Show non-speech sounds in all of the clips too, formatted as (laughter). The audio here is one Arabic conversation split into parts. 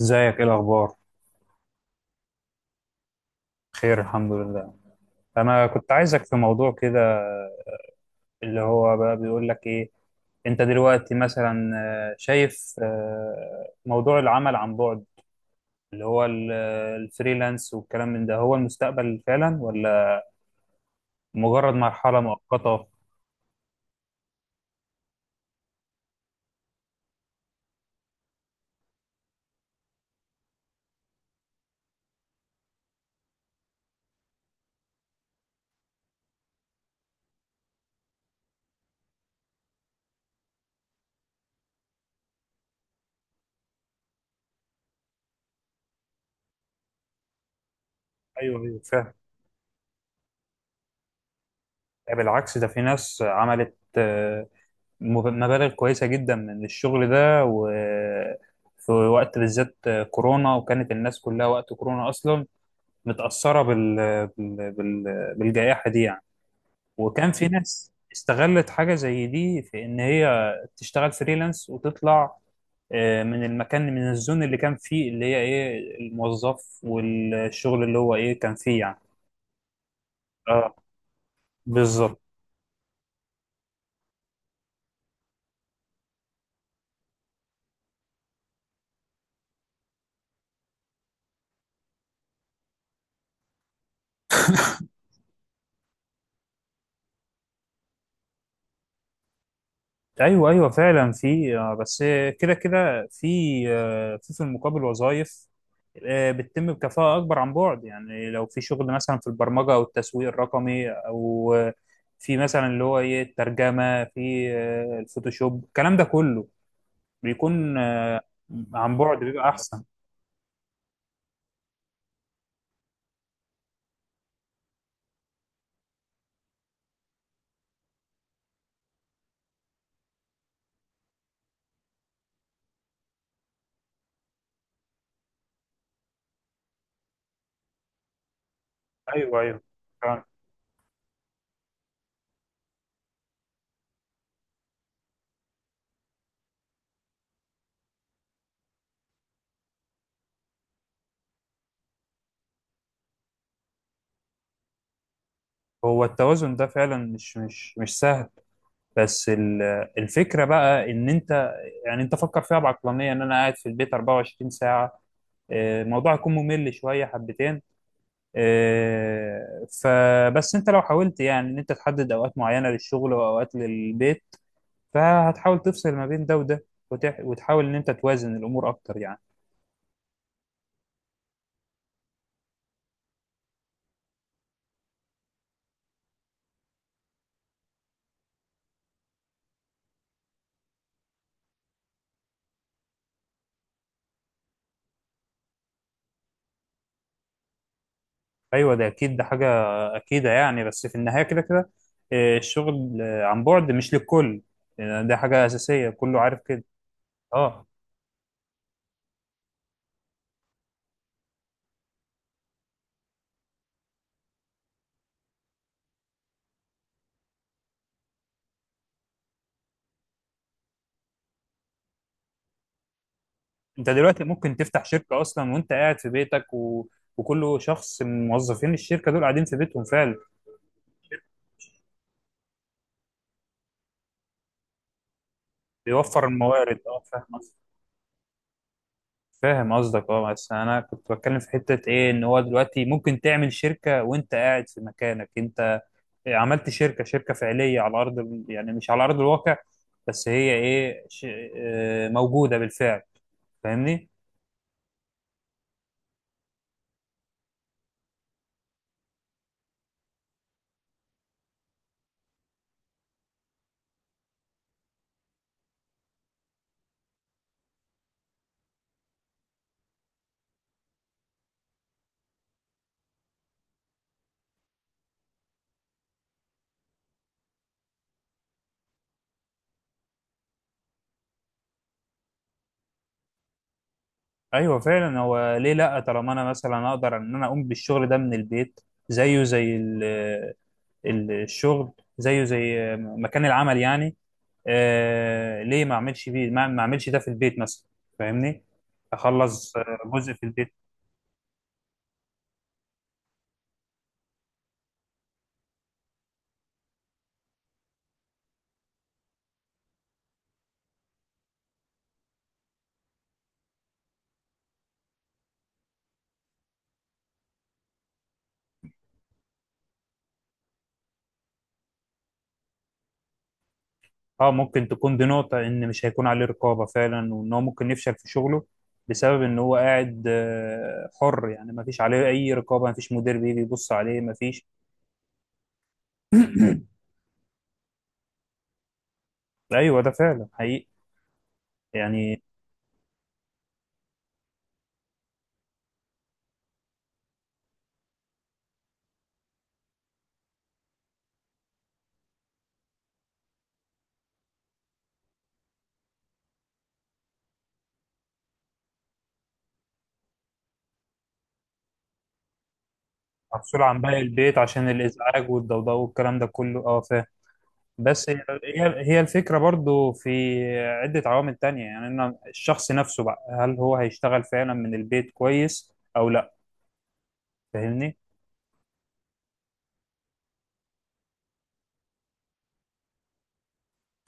ازيك، ايه الاخبار؟ خير، الحمد لله. انا كنت عايزك في موضوع كده. اللي هو بقى بيقول لك ايه. انت دلوقتي مثلا شايف، موضوع العمل عن بعد، اللي هو الفريلانس والكلام من ده، هو المستقبل فعلا ولا مجرد مرحلة مؤقتة؟ ايوه، ايوه، فاهم. بالعكس، ده في ناس عملت مبالغ كويسة جدا من الشغل ده، وفي وقت بالذات كورونا، وكانت الناس كلها وقت كورونا أصلا متأثرة بال... بال... بالجائحة دي يعني. وكان في ناس استغلت حاجة زي دي، في إن هي تشتغل فريلانس وتطلع من المكان، من الزون اللي كان فيه، اللي هي إيه الموظف، والشغل اللي هو إيه كان فيه يعني. اه، بالظبط. ايوه، ايوه فعلا، في بس كده كده، في في المقابل وظائف بتتم بكفاءة اكبر عن بعد. يعني لو في شغل مثلا في البرمجة او التسويق الرقمي، او في مثلا اللي هو ايه الترجمة، في الفوتوشوب، الكلام ده كله بيكون، عن بعد بيبقى احسن. ايوه، ايوه، فعلا. هو التوازن ده فعلا مش سهل. بس الفكرة بقى، ان انت يعني انت فكر فيها بعقلانية، ان انا قاعد في البيت 24 ساعة، الموضوع هيكون ممل شوية حبتين. فبس انت لو حاولت يعني ان انت تحدد اوقات معينة للشغل واوقات للبيت، فهتحاول تفصل ما بين ده وده، وتحاول ان انت توازن الامور اكتر يعني. ايوه، ده اكيد، ده حاجة اكيدة يعني. بس في النهاية كده كده، الشغل عن بعد مش للكل. ده حاجة اساسية، كله عارف كده، اه. انت دلوقتي ممكن تفتح شركة اصلا وانت قاعد في بيتك، وكل شخص من موظفين الشركة دول قاعدين في بيتهم فعلا. بيوفر الموارد، اه، فاهم قصدك، فاهم قصدك، اه. بس انا كنت بتكلم في حته ايه، ان هو دلوقتي ممكن تعمل شركه وانت قاعد في مكانك، انت عملت شركه، شركه فعليه على يعني مش على ارض الواقع، بس هي ايه ش... آه، موجوده بالفعل، فاهمني؟ ايوه فعلا، هو ليه لا؟ طالما انا مثلا اقدر ان انا اقوم بالشغل ده من البيت، زيه زي الشغل، زيه زي مكان العمل يعني. ليه ما اعملش بيه؟ ما اعملش ده في البيت مثلا، فاهمني؟ اخلص جزء في البيت. اه، ممكن تكون دي نقطة، ان مش هيكون عليه رقابة فعلا، وان هو ممكن يفشل في شغله، بسبب ان هو قاعد حر يعني، ما فيش عليه اي رقابة، ما فيش مدير بيجي يبص عليه، ما فيش. (coughs) (clears throat) ايوه ده فعلا حقيقي يعني. مفصولة عن باقي البيت عشان الإزعاج والضوضاء والكلام ده كله، اه، فاهم. بس هي الفكرة برضو، في عدة عوامل تانية، يعني إن الشخص نفسه بقى، هل هو هيشتغل فعلا من البيت كويس أو لا، فاهمني؟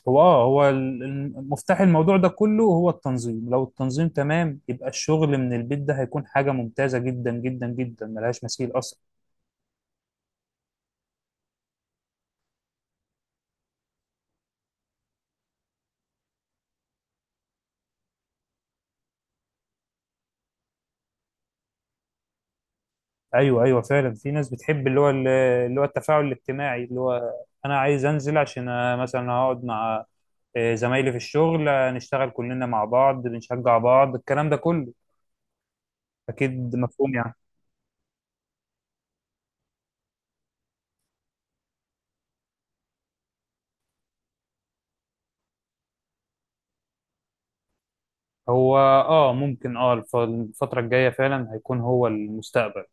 هو، اه، هو مفتاح الموضوع ده كله هو التنظيم، لو التنظيم تمام، يبقى الشغل من البيت ده هيكون حاجة ممتازة جدا جدا جدا، ملهاش مثيل أصلا. ايوه، ايوه فعلا، في ناس بتحب اللي هو التفاعل الاجتماعي، اللي هو انا عايز انزل، عشان أنا مثلا هقعد مع زمايلي في الشغل، نشتغل كلنا مع بعض، بنشجع بعض، الكلام ده كله. اكيد مفهوم يعني. هو، اه ممكن، اه، الفترة الجاية فعلا هيكون هو المستقبل.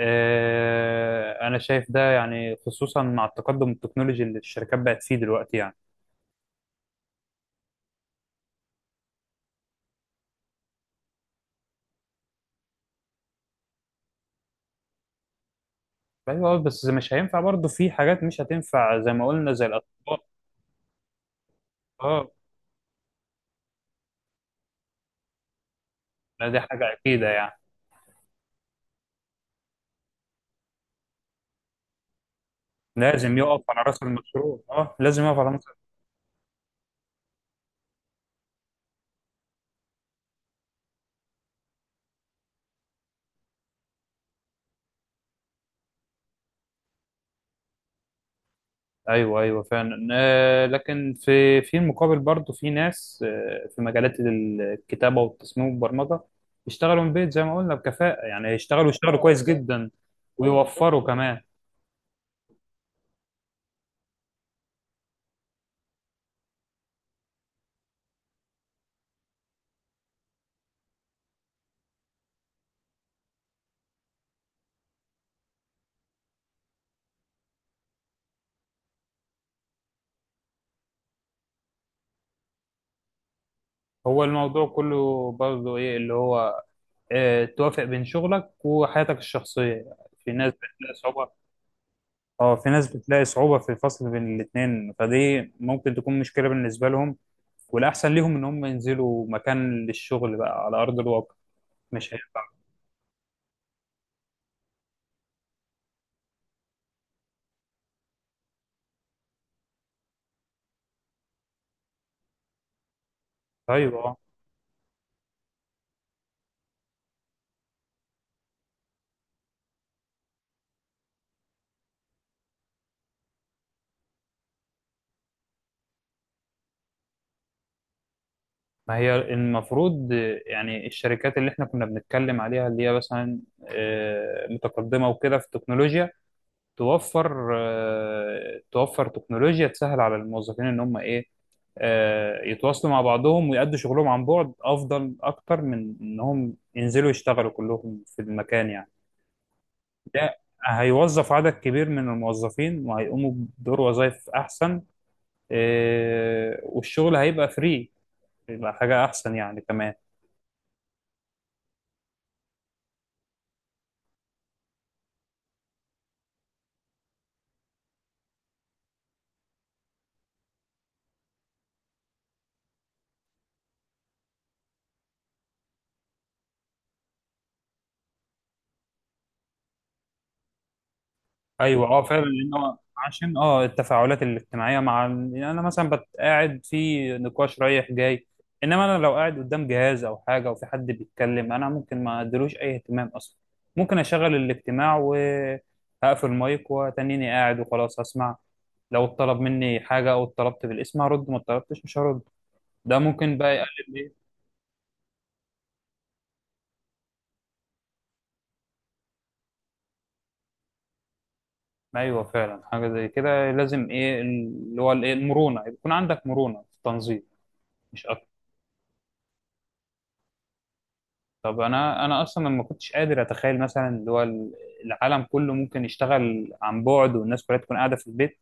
انا شايف ده يعني، خصوصا مع التقدم التكنولوجي اللي الشركات بقت فيه دلوقتي يعني. ايوه، بس مش هينفع برضه في حاجات، مش هتنفع زي ما قلنا، زي الاطباء، اه. لا، دي حاجة أكيدة يعني. لازم يقف على راس المشروع، اه، لازم يقف على راس. ايوه، ايوه فعلا. لكن في المقابل برضه، في ناس في مجالات الكتابه والتصميم والبرمجه، يشتغلوا من بيت زي ما قلنا بكفاءه يعني، يشتغلوا كويس جدا، ويوفروا كمان. هو الموضوع كله برضه ايه، اللي هو توافق بين شغلك وحياتك الشخصيه يعني. في ناس بتلاقي صعوبه، اه، في ناس بتلاقي صعوبة في الفصل بين الاتنين، فدي ممكن تكون مشكلة بالنسبة لهم. والأحسن ليهم إن هم ينزلوا مكان للشغل بقى على أرض الواقع، مش هينفع. أيوه، اه. ما هي المفروض، يعني الشركات اللي احنا كنا بنتكلم عليها، اللي هي مثلا متقدمة وكده في التكنولوجيا، توفر تكنولوجيا تسهل على الموظفين ان هم ايه، يتواصلوا مع بعضهم ويأدوا شغلهم عن بعد، افضل اكتر من انهم ينزلوا يشتغلوا كلهم في المكان يعني. ده هيوظف عدد كبير من الموظفين، وهيقوموا بدور وظائف احسن. والشغل هيبقى فري، يبقى حاجة احسن يعني كمان. ايوه، اه فعلا، لان هو عشان، اه، التفاعلات الاجتماعيه مع يعني انا مثلا قاعد في نقاش رايح جاي. انما انا لو قاعد قدام جهاز او حاجه وفي حد بيتكلم، انا ممكن ما اديلوش اي اهتمام اصلا. ممكن اشغل الاجتماع وهقفل المايك وتنيني قاعد، وخلاص هسمع. لو اتطلب مني حاجه او اتطلبت بالاسم هرد، ما اتطلبتش مش هرد. ده ممكن بقى يقلل، ايه. ايوه فعلا، حاجه زي كده لازم، ايه اللي هو الايه المرونه، يكون عندك مرونه في التنظيم، مش اكتر. طب انا اصلا ما كنتش قادر اتخيل مثلا اللي هو، العالم كله ممكن يشتغل عن بعد والناس كلها تكون قاعده في البيت،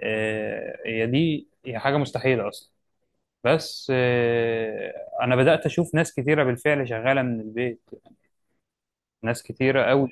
هي دي هي حاجه مستحيله اصلا. بس انا بدات اشوف ناس كتيره بالفعل شغاله من البيت، ناس كتيره قوي،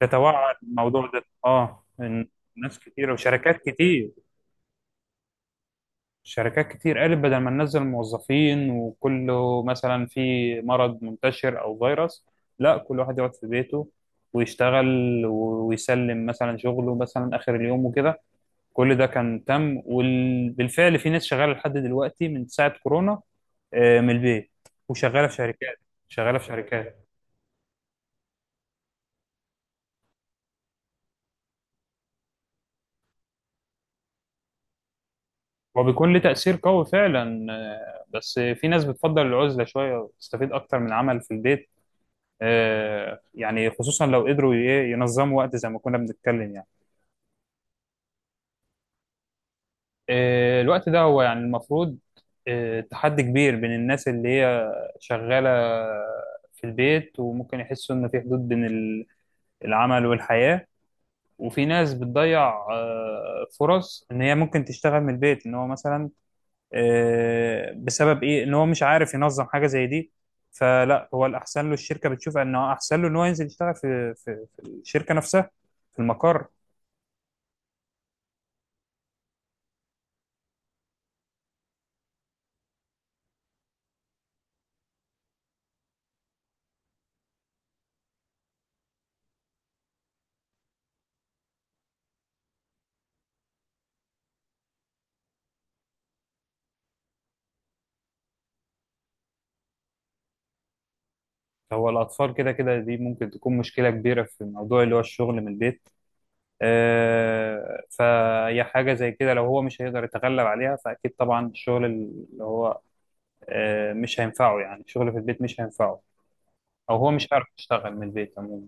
تتوعى الموضوع ده، اه، ناس كتيره وشركات كتير. شركات كتير قالت بدل ما ننزل موظفين وكله مثلا في مرض منتشر او فيروس، لا كل واحد يقعد في بيته ويشتغل، ويسلم مثلا شغله مثلا اخر اليوم وكده. كل ده كان تم، وبالفعل في ناس شغاله لحد دلوقتي من ساعه كورونا، من البيت، وشغاله في شركات، شغاله في شركات. هو بيكون له تاثير قوي فعلا، بس في ناس بتفضل العزله شويه وتستفيد اكتر من عمل في البيت، يعني خصوصا لو قدروا ينظموا وقت زي ما كنا بنتكلم يعني. الوقت ده هو يعني المفروض، تحدي كبير بين الناس اللي هي شغالة في البيت، وممكن يحسوا إن في حدود بين العمل والحياة. وفي ناس بتضيع فرص إن هي ممكن تشتغل من البيت، إن هو مثلا بسبب إيه، إن هو مش عارف ينظم حاجة زي دي، فلا هو الأحسن له، الشركة بتشوف إنه أحسن له إن هو ينزل يشتغل في الشركة نفسها، في المقر. هو الأطفال كده كده دي ممكن تكون مشكلة كبيرة في الموضوع اللي هو الشغل من البيت، فهي حاجة زي كده لو هو مش هيقدر يتغلب عليها، فأكيد طبعا الشغل اللي هو مش هينفعه يعني، الشغل في البيت مش هينفعه، أو هو مش عارف يشتغل من البيت عموما.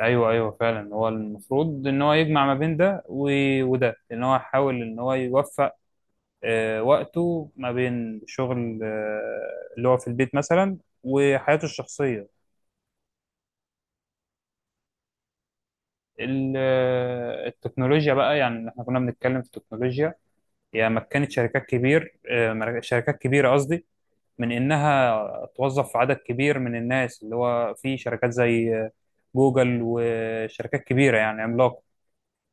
أيوه، أيوه فعلا، هو المفروض إن هو يجمع ما بين وده، إن هو يحاول إن هو يوفق وقته ما بين شغل، اللي هو في البيت مثلا، وحياته الشخصية. ال- التكنولوجيا بقى، يعني احنا كنا بنتكلم في التكنولوجيا، يعني مكنت شركات كبيرة قصدي، من إنها توظف عدد كبير من الناس، اللي هو في شركات زي جوجل وشركات كبيرة يعني عملاقة،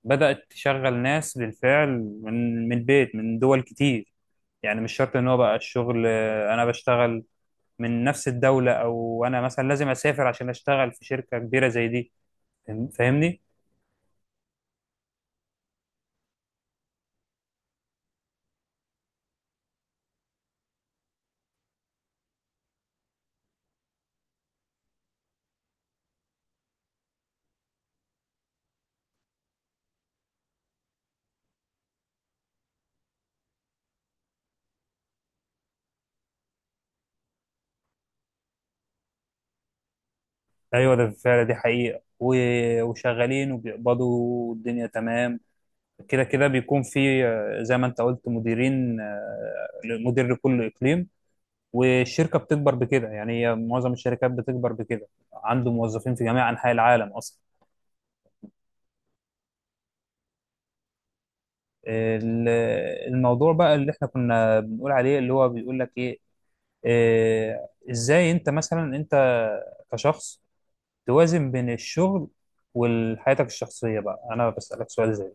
بدأت تشغل ناس بالفعل من البيت، من دول كتير. يعني مش شرط إن هو بقى الشغل، أنا بشتغل من نفس الدولة، أو أنا مثلا لازم أسافر عشان أشتغل في شركة كبيرة زي دي. فاهمني؟ ايوه ده فعلا، دي حقيقة، وشغالين وبيقبضوا الدنيا، تمام. كده كده بيكون في، زي ما انت قلت مديرين، مدير لكل اقليم، والشركة بتكبر بكده، يعني هي معظم الشركات بتكبر بكده، عنده موظفين في جميع انحاء العالم اصلا. ال- الموضوع بقى اللي احنا كنا بنقول عليه، اللي هو بيقول لك ايه، ازاي انت مثلا، انت كشخص، توازن بين الشغل وحياتك الشخصية؟ بقى انا بسألك سؤال زي،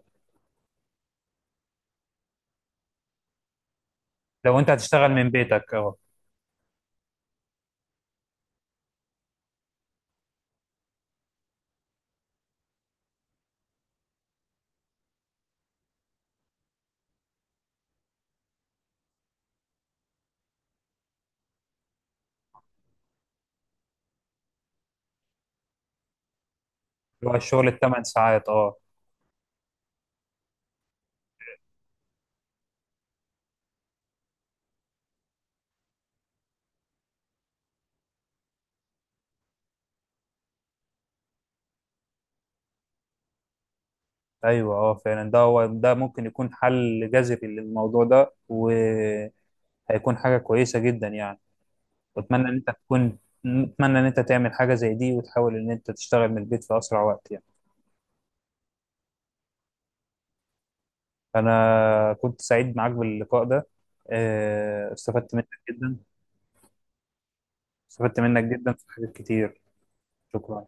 لو انت هتشتغل من بيتك، اه. اللي هو الشغل الثمان ساعات، اه. ايوه، اه فعلا، ده هو، ده ممكن يكون حل جذري للموضوع ده، وهيكون حاجه كويسه جدا يعني. واتمنى ان انت تكون، اتمنى ان انت تعمل حاجه زي دي، وتحاول ان انت تشتغل من البيت في اسرع وقت يعني. انا كنت سعيد معاك باللقاء ده، استفدت منك جدا، استفدت منك جدا في حاجات كتير، شكرا.